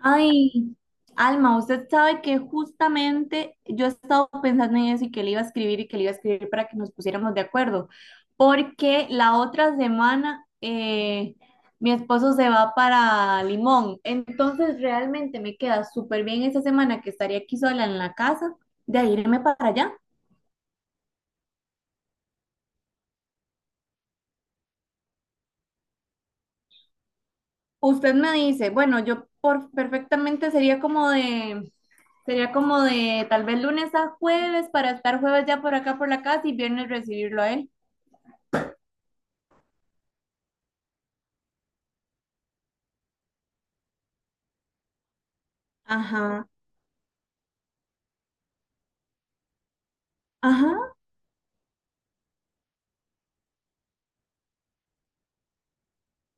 Ay, Alma, usted sabe que justamente yo he estado pensando en eso y que le iba a escribir y que le iba a escribir para que nos pusiéramos de acuerdo, porque la otra semana mi esposo se va para Limón, entonces realmente me queda súper bien esa semana que estaría aquí sola en la casa de irme para allá. Usted me dice, bueno, perfectamente sería como de tal vez lunes a jueves para estar jueves ya por acá por la casa y viernes recibirlo a él. Ajá. Ajá.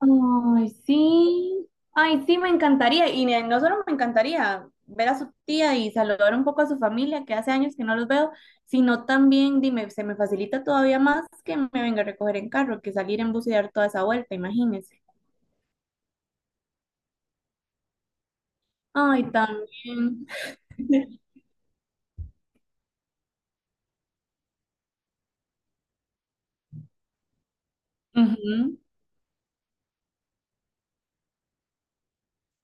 Ay, sí. Ay, sí, me encantaría. Y no solo me encantaría ver a su tía y saludar un poco a su familia, que hace años que no los veo, sino también, dime, se me facilita todavía más que me venga a recoger en carro, que salir en bus y dar toda esa vuelta, imagínese. Ay, también. Ujú.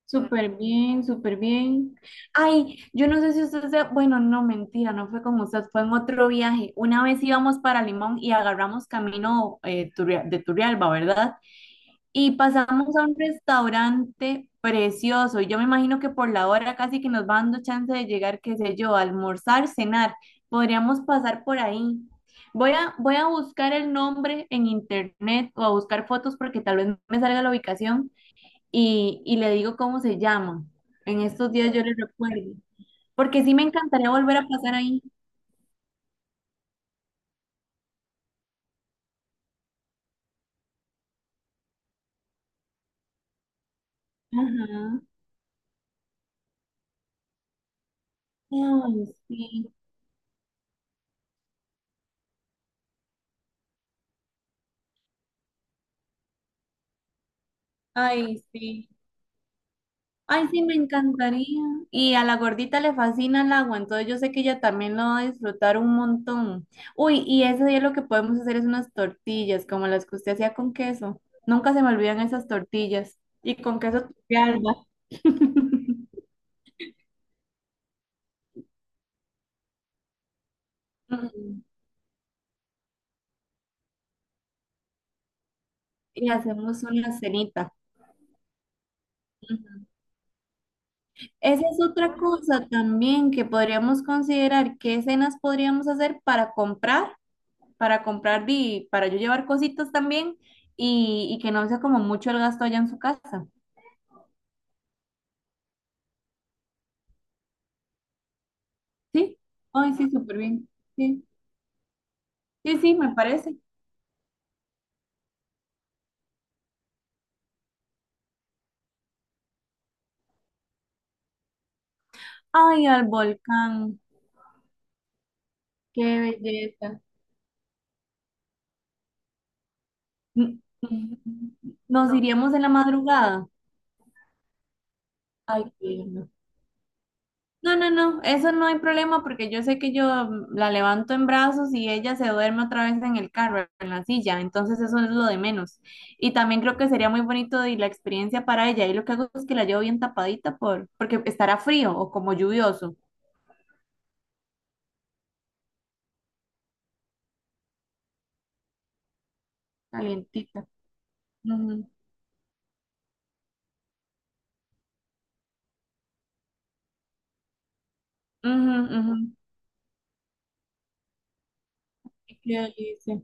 Súper bien, súper bien. Ay, yo no sé si usted se... Bueno, no, mentira, no fue con usted, fue en otro viaje. Una vez íbamos para Limón y agarramos camino de Turrialba, ¿verdad? Y pasamos a un restaurante precioso. Y yo me imagino que por la hora casi que nos va dando chance de llegar, qué sé yo, a almorzar, cenar. Podríamos pasar por ahí. Voy a buscar el nombre en internet o a buscar fotos porque tal vez me salga la ubicación y le digo cómo se llama. En estos días yo le recuerdo, porque sí me encantaría volver a pasar ahí. Ajá. Ay, sí, ay, sí. Ay, sí, me encantaría. Y a la gordita le fascina el agua, entonces yo sé que ella también lo va a disfrutar un montón. Uy, y ese día lo que podemos hacer es unas tortillas, como las que usted hacía con queso. Nunca se me olvidan esas tortillas. Y con queso de alba. Ujú. Y hacemos una cenita. Esa es otra cosa también que podríamos considerar, qué escenas podríamos hacer para comprar y para yo llevar cositas también y que no sea como mucho el gasto allá en su casa. ¿Sí? Ay, sí, súper bien. Sí, sí, sí, me parece. Ay, al volcán, qué belleza. Mm, mm, mm, mm, mm. Nos iríamos en la madrugada. Ay, qué lindo. No, no, no, eso no hay problema porque yo sé que yo la levanto en brazos y ella se duerme otra vez en el carro, en la silla, entonces eso es lo de menos. Y también creo que sería muy bonito y la experiencia para ella. Y lo que hago es que la llevo bien tapadita porque estará frío o como lluvioso, calientita. Ujú, ujú, ujú. Qué delicia.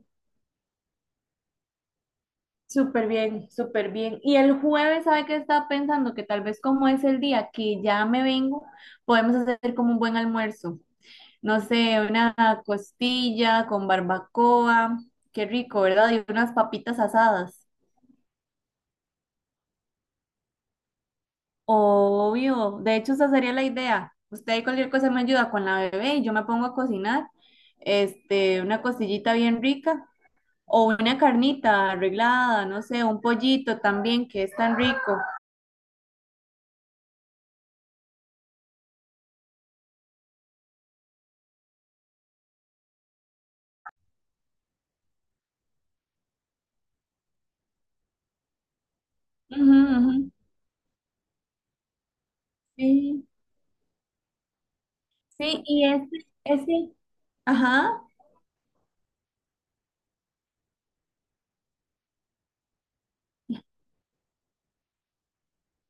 Súper bien, súper bien. Y el jueves, ¿sabe qué estaba pensando? Que tal vez como es el día que ya me vengo, podemos hacer como un buen almuerzo. No sé, una costilla con barbacoa, qué rico, ¿verdad? Y unas papitas asadas. Obvio, de hecho esa sería la idea. Usted ahí cualquier cosa me ayuda con la bebé y yo me pongo a cocinar, este, una costillita bien rica o una carnita arreglada, no sé, un pollito también que es tan rico. Ujú, ujú. Sí, sí, y ese, ajá,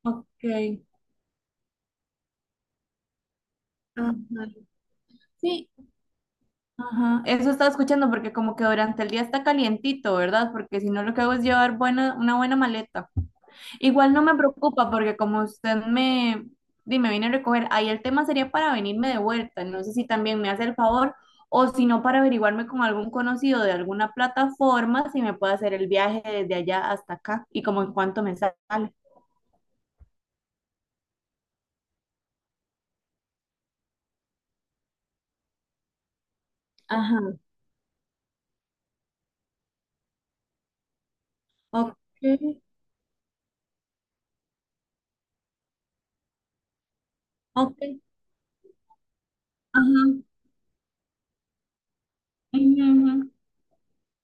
ok, ajá. Sí, ajá, eso estaba escuchando porque como que durante el día está calientito, ¿verdad? Porque si no lo que hago es llevar buena, una buena maleta. Igual no me preocupa porque di, me viene a recoger, ahí el tema sería para venirme de vuelta. No sé si también me hace el favor o si no para averiguarme con algún conocido de alguna plataforma si me puede hacer el viaje desde allá hasta acá y como en cuánto me sale. Ajá, ok, ok, ajá. Ujú, ujú.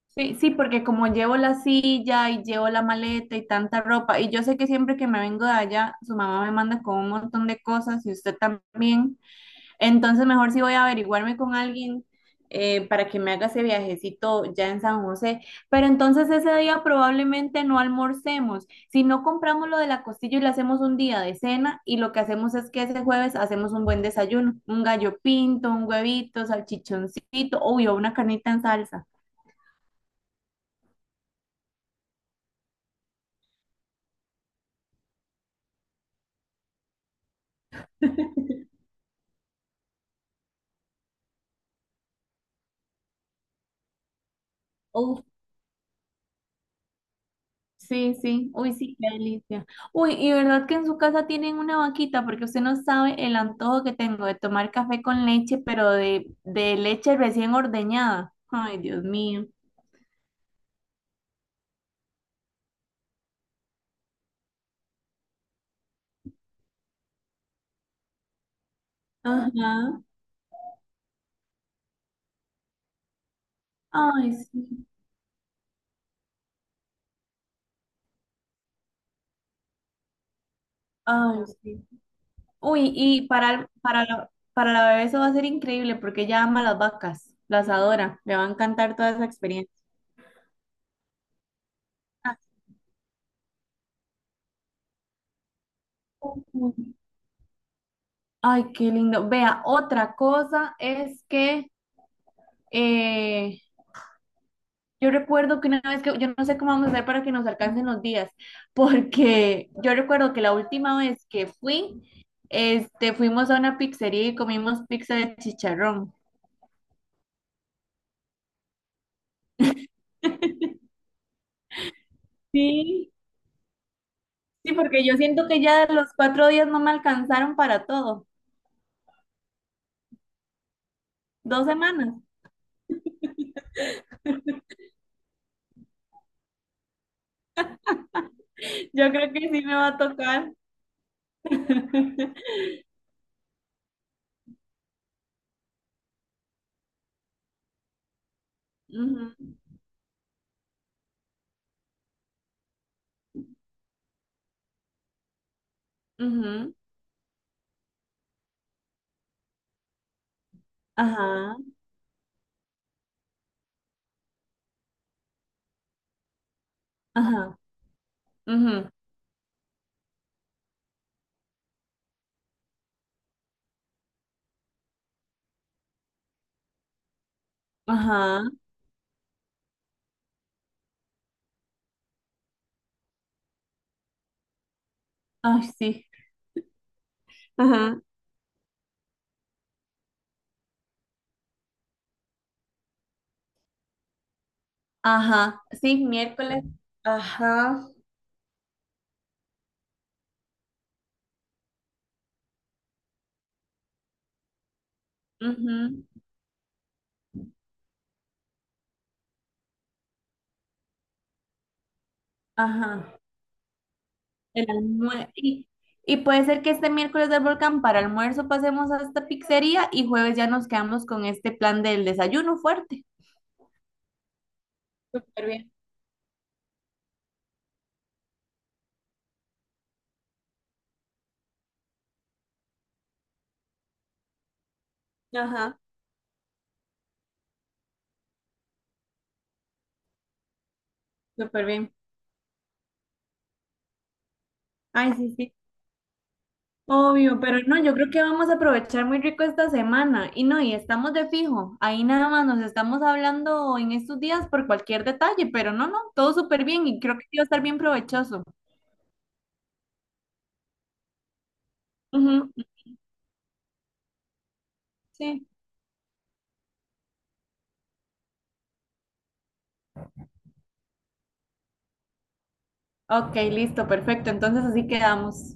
Sí, sí, porque como llevo la silla y llevo la maleta y tanta ropa, y yo sé que siempre que me vengo de allá, su mamá me manda con un montón de cosas y usted también, entonces mejor sí voy a averiguarme con alguien para que me haga ese viajecito ya en San José. Pero entonces ese día probablemente no almorcemos, si no compramos lo de la costilla y le hacemos un día de cena y lo que hacemos es que ese jueves hacemos un buen desayuno, un gallo pinto, un huevito, salchichoncito, uy, o una carnita en salsa. Sí, sí. Uy, sí, qué delicia. Uy, y verdad que en su casa tienen una vaquita, porque usted no sabe el antojo que tengo de tomar café con leche, pero de leche recién ordeñada. Ay, Dios mío. Ajá. Ay, sí. Ay, sí. Uy, y para la bebé eso va a ser increíble, porque ella ama las vacas, las adora. Le va a encantar toda esa experiencia. Ah, ujú. Ay, qué lindo. Vea, otra cosa es que eh, yo recuerdo que una vez que, yo no sé cómo vamos a hacer para que nos alcancen los días, porque yo recuerdo que la última vez que fui, este, fuimos a una pizzería y comimos pizza de chicharrón. Sí, sí, porque yo siento que ya los 4 días no me alcanzaron para todo. Dos semanas. Yo creo que sí me va a tocar. Ujú, ujú, ajá, ajá, ujú, ajá, ay, sí, ajá, ajá, sí, miércoles, ajá, ujú. Ajá. El almue- y, y puede ser que este miércoles del volcán para almuerzo pasemos a esta pizzería y jueves ya nos quedamos con este plan del desayuno fuerte. Súper bien. Ajá, súper bien. Ay, sí, sí. Obvio, pero no, yo creo que vamos a aprovechar muy rico esta semana. Y no, y estamos de fijo. Ahí nada más nos estamos hablando en estos días por cualquier detalle, pero no, no, todo súper bien y creo que sí va a estar bien provechoso. Ujú, sí. Ok, listo, perfecto. Entonces así quedamos.